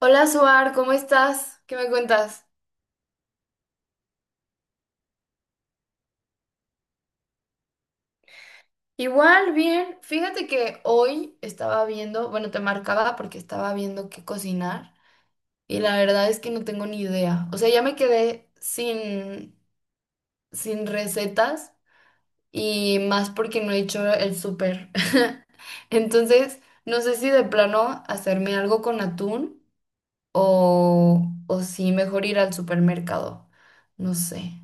Hola, Suar, ¿cómo estás? ¿Qué me cuentas? Igual, bien. Fíjate que hoy estaba viendo, bueno, te marcaba porque estaba viendo qué cocinar y la verdad es que no tengo ni idea. O sea, ya me quedé sin recetas y más porque no he hecho el súper. Entonces, no sé si de plano hacerme algo con atún o si mejor ir al supermercado. No sé.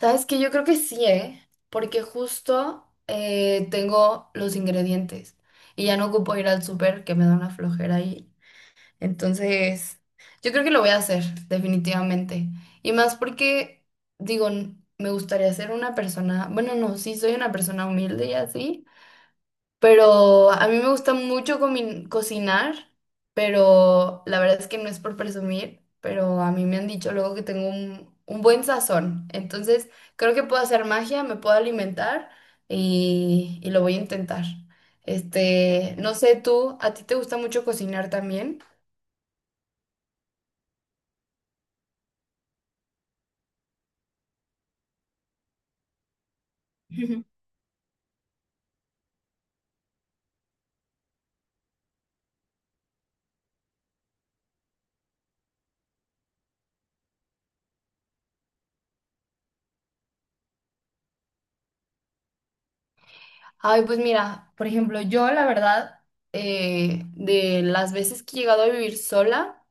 Sabes que yo creo que sí, ¿eh? Porque justo tengo los ingredientes y ya no ocupo ir al súper que me da una flojera ahí. Entonces, yo creo que lo voy a hacer, definitivamente. Y más porque, digo, me gustaría ser una persona, bueno, no, sí, soy una persona humilde y así, pero a mí me gusta mucho cocinar, pero la verdad es que no es por presumir, pero a mí me han dicho luego que tengo un buen sazón. Entonces, creo que puedo hacer magia, me puedo alimentar y lo voy a intentar. Este, no sé tú, ¿a ti te gusta mucho cocinar también? Ujú. Ay, pues mira, por ejemplo, yo la verdad, de las veces que he llegado a vivir sola,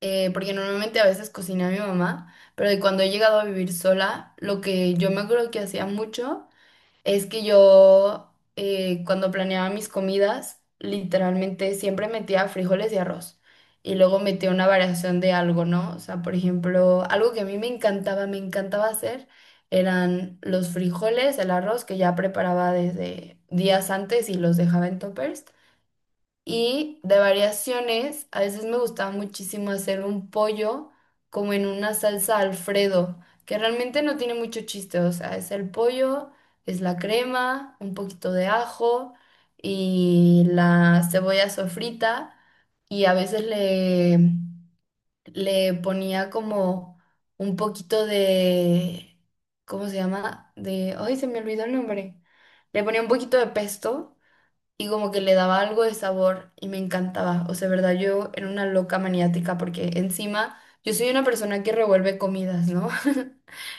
porque normalmente a veces cocina mi mamá, pero de cuando he llegado a vivir sola, lo que yo me acuerdo que hacía mucho es que yo cuando planeaba mis comidas, literalmente siempre metía frijoles y arroz y luego metía una variación de algo, ¿no? O sea, por ejemplo, algo que a mí me encantaba hacer eran los frijoles, el arroz que ya preparaba desde días antes y los dejaba en toppers. Y de variaciones, a veces me gustaba muchísimo hacer un pollo como en una salsa Alfredo, que realmente no tiene mucho chiste, o sea, es el pollo, es la crema, un poquito de ajo y la cebolla sofrita y a veces le ponía como un poquito de, ¿cómo se llama? De, ay, se me olvidó el nombre. Le ponía un poquito de pesto y como que le daba algo de sabor y me encantaba. O sea, verdad, yo era una loca maniática porque encima yo soy una persona que revuelve comidas, ¿no?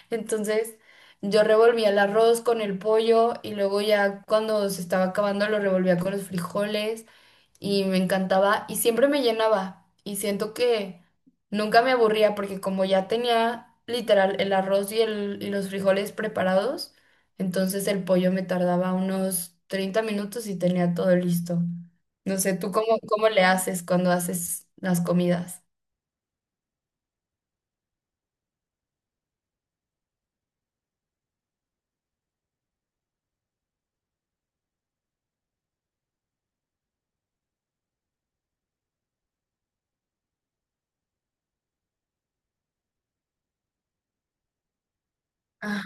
Entonces yo revolvía el arroz con el pollo y luego ya cuando se estaba acabando lo revolvía con los frijoles y me encantaba y siempre me llenaba y siento que nunca me aburría porque como ya tenía literal el arroz y los frijoles preparados, entonces el pollo me tardaba unos 30 minutos y tenía todo listo. No sé, ¿ cómo le haces cuando haces las comidas? Ah,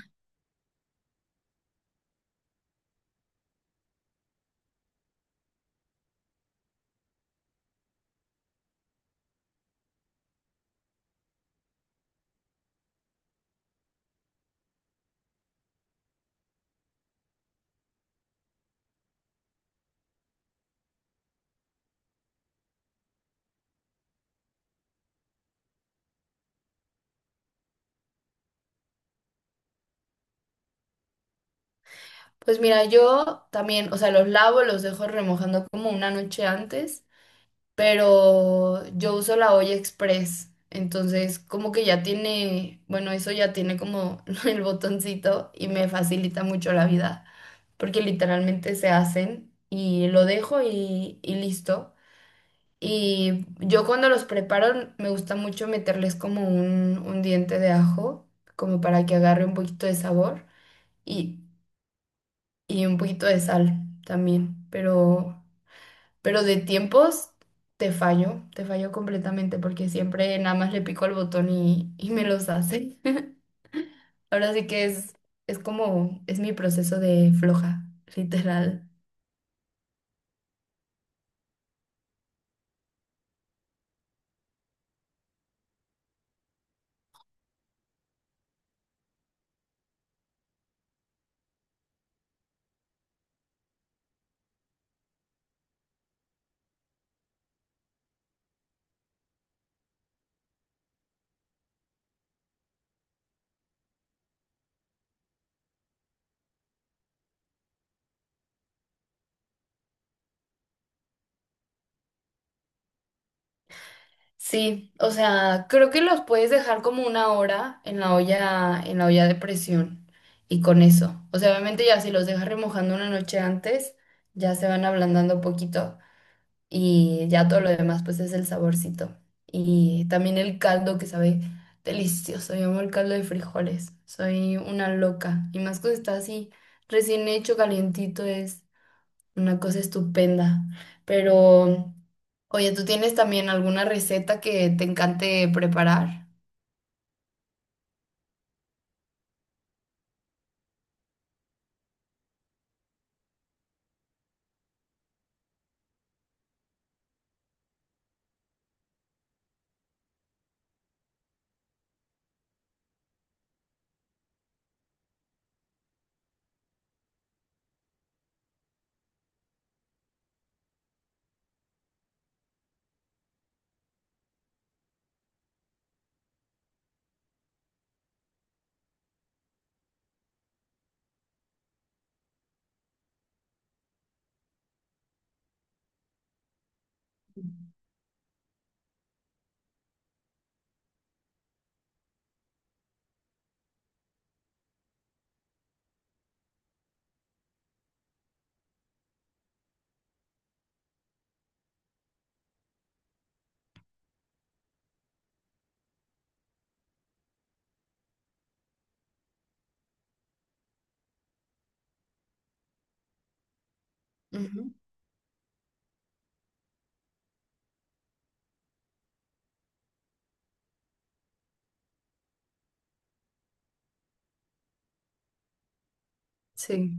pues mira, yo también, o sea, los lavo, los dejo remojando como una noche antes pero yo uso la olla express, entonces como que ya tiene, bueno, eso ya tiene como el botoncito y me facilita mucho la vida, porque literalmente se hacen y lo dejo y listo. Y yo cuando los preparo me gusta mucho meterles como un diente de ajo, como para que agarre un poquito de sabor y, y un poquito de sal también, pero... Pero de tiempos te fallo completamente porque siempre nada más le pico al botón y me los hace. Ahora sí que es como, es mi proceso de floja, literal. Sí, o sea, creo que los puedes dejar como una hora en la olla de presión y con eso. O sea, obviamente ya si los dejas remojando una noche antes, ya se van ablandando poquito. Y ya todo lo demás pues es el saborcito. Y también el caldo que sabe delicioso, yo amo el caldo de frijoles, soy una loca y más cuando está así recién hecho calientito es una cosa estupenda. Pero oye, ¿tú tienes también alguna receta que te encante preparar? Ujú. Sí.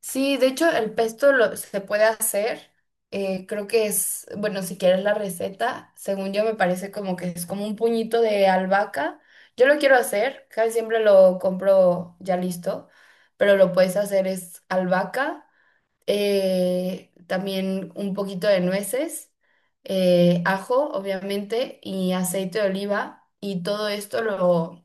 Sí, de hecho se puede hacer. Creo que es, bueno, si quieres la receta, según yo me parece como que es como un puñito de albahaca. Yo lo quiero hacer, casi siempre lo compro ya listo, pero lo puedes hacer es albahaca, también un poquito de nueces, ajo, obviamente, y aceite de oliva, y todo esto lo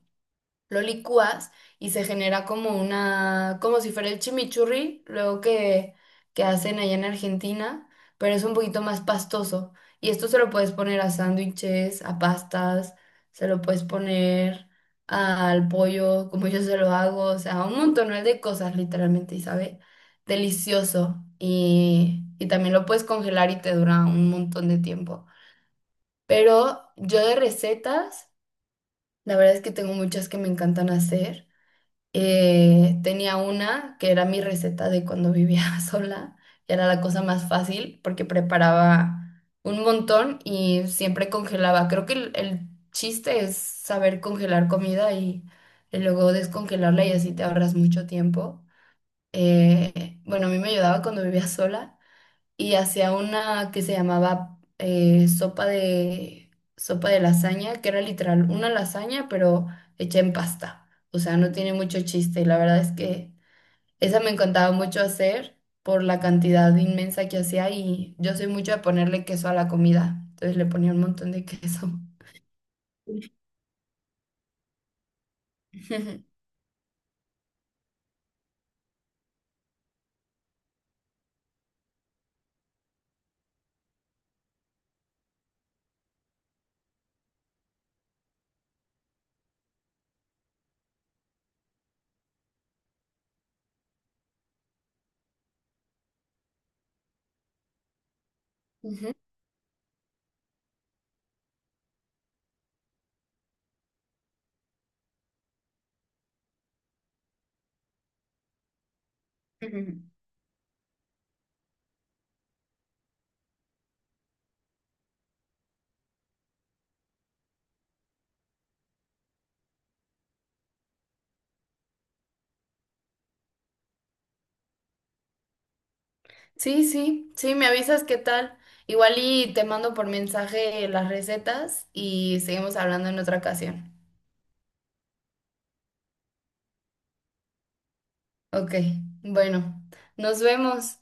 lo licúas y se genera como una, como si fuera el chimichurri, luego que hacen allá en Argentina, pero es un poquito más pastoso. Y esto se lo puedes poner a sándwiches, a pastas, se lo puedes poner al pollo, como yo se lo hago, o sea, un montón de cosas literalmente, y sabe delicioso. Y también lo puedes congelar y te dura un montón de tiempo. Pero yo de recetas, la verdad es que tengo muchas que me encantan hacer. Tenía una que era mi receta de cuando vivía sola. Era la cosa más fácil porque preparaba un montón y siempre congelaba. Creo que el chiste es saber congelar comida y luego descongelarla y así te ahorras mucho tiempo. Bueno, a mí me ayudaba cuando vivía sola y hacía una que se llamaba sopa de lasaña, que era literal una lasaña, pero hecha en pasta. O sea, no tiene mucho chiste. Y la verdad es que esa me encantaba mucho hacer por la cantidad inmensa que hacía y yo soy mucho de ponerle queso a la comida. Entonces le ponía un montón de queso. Ujú, ujú. Sí, sí, sí, me avisas qué tal. Igual y te mando por mensaje las recetas y seguimos hablando en otra ocasión. Ok, bueno, nos vemos.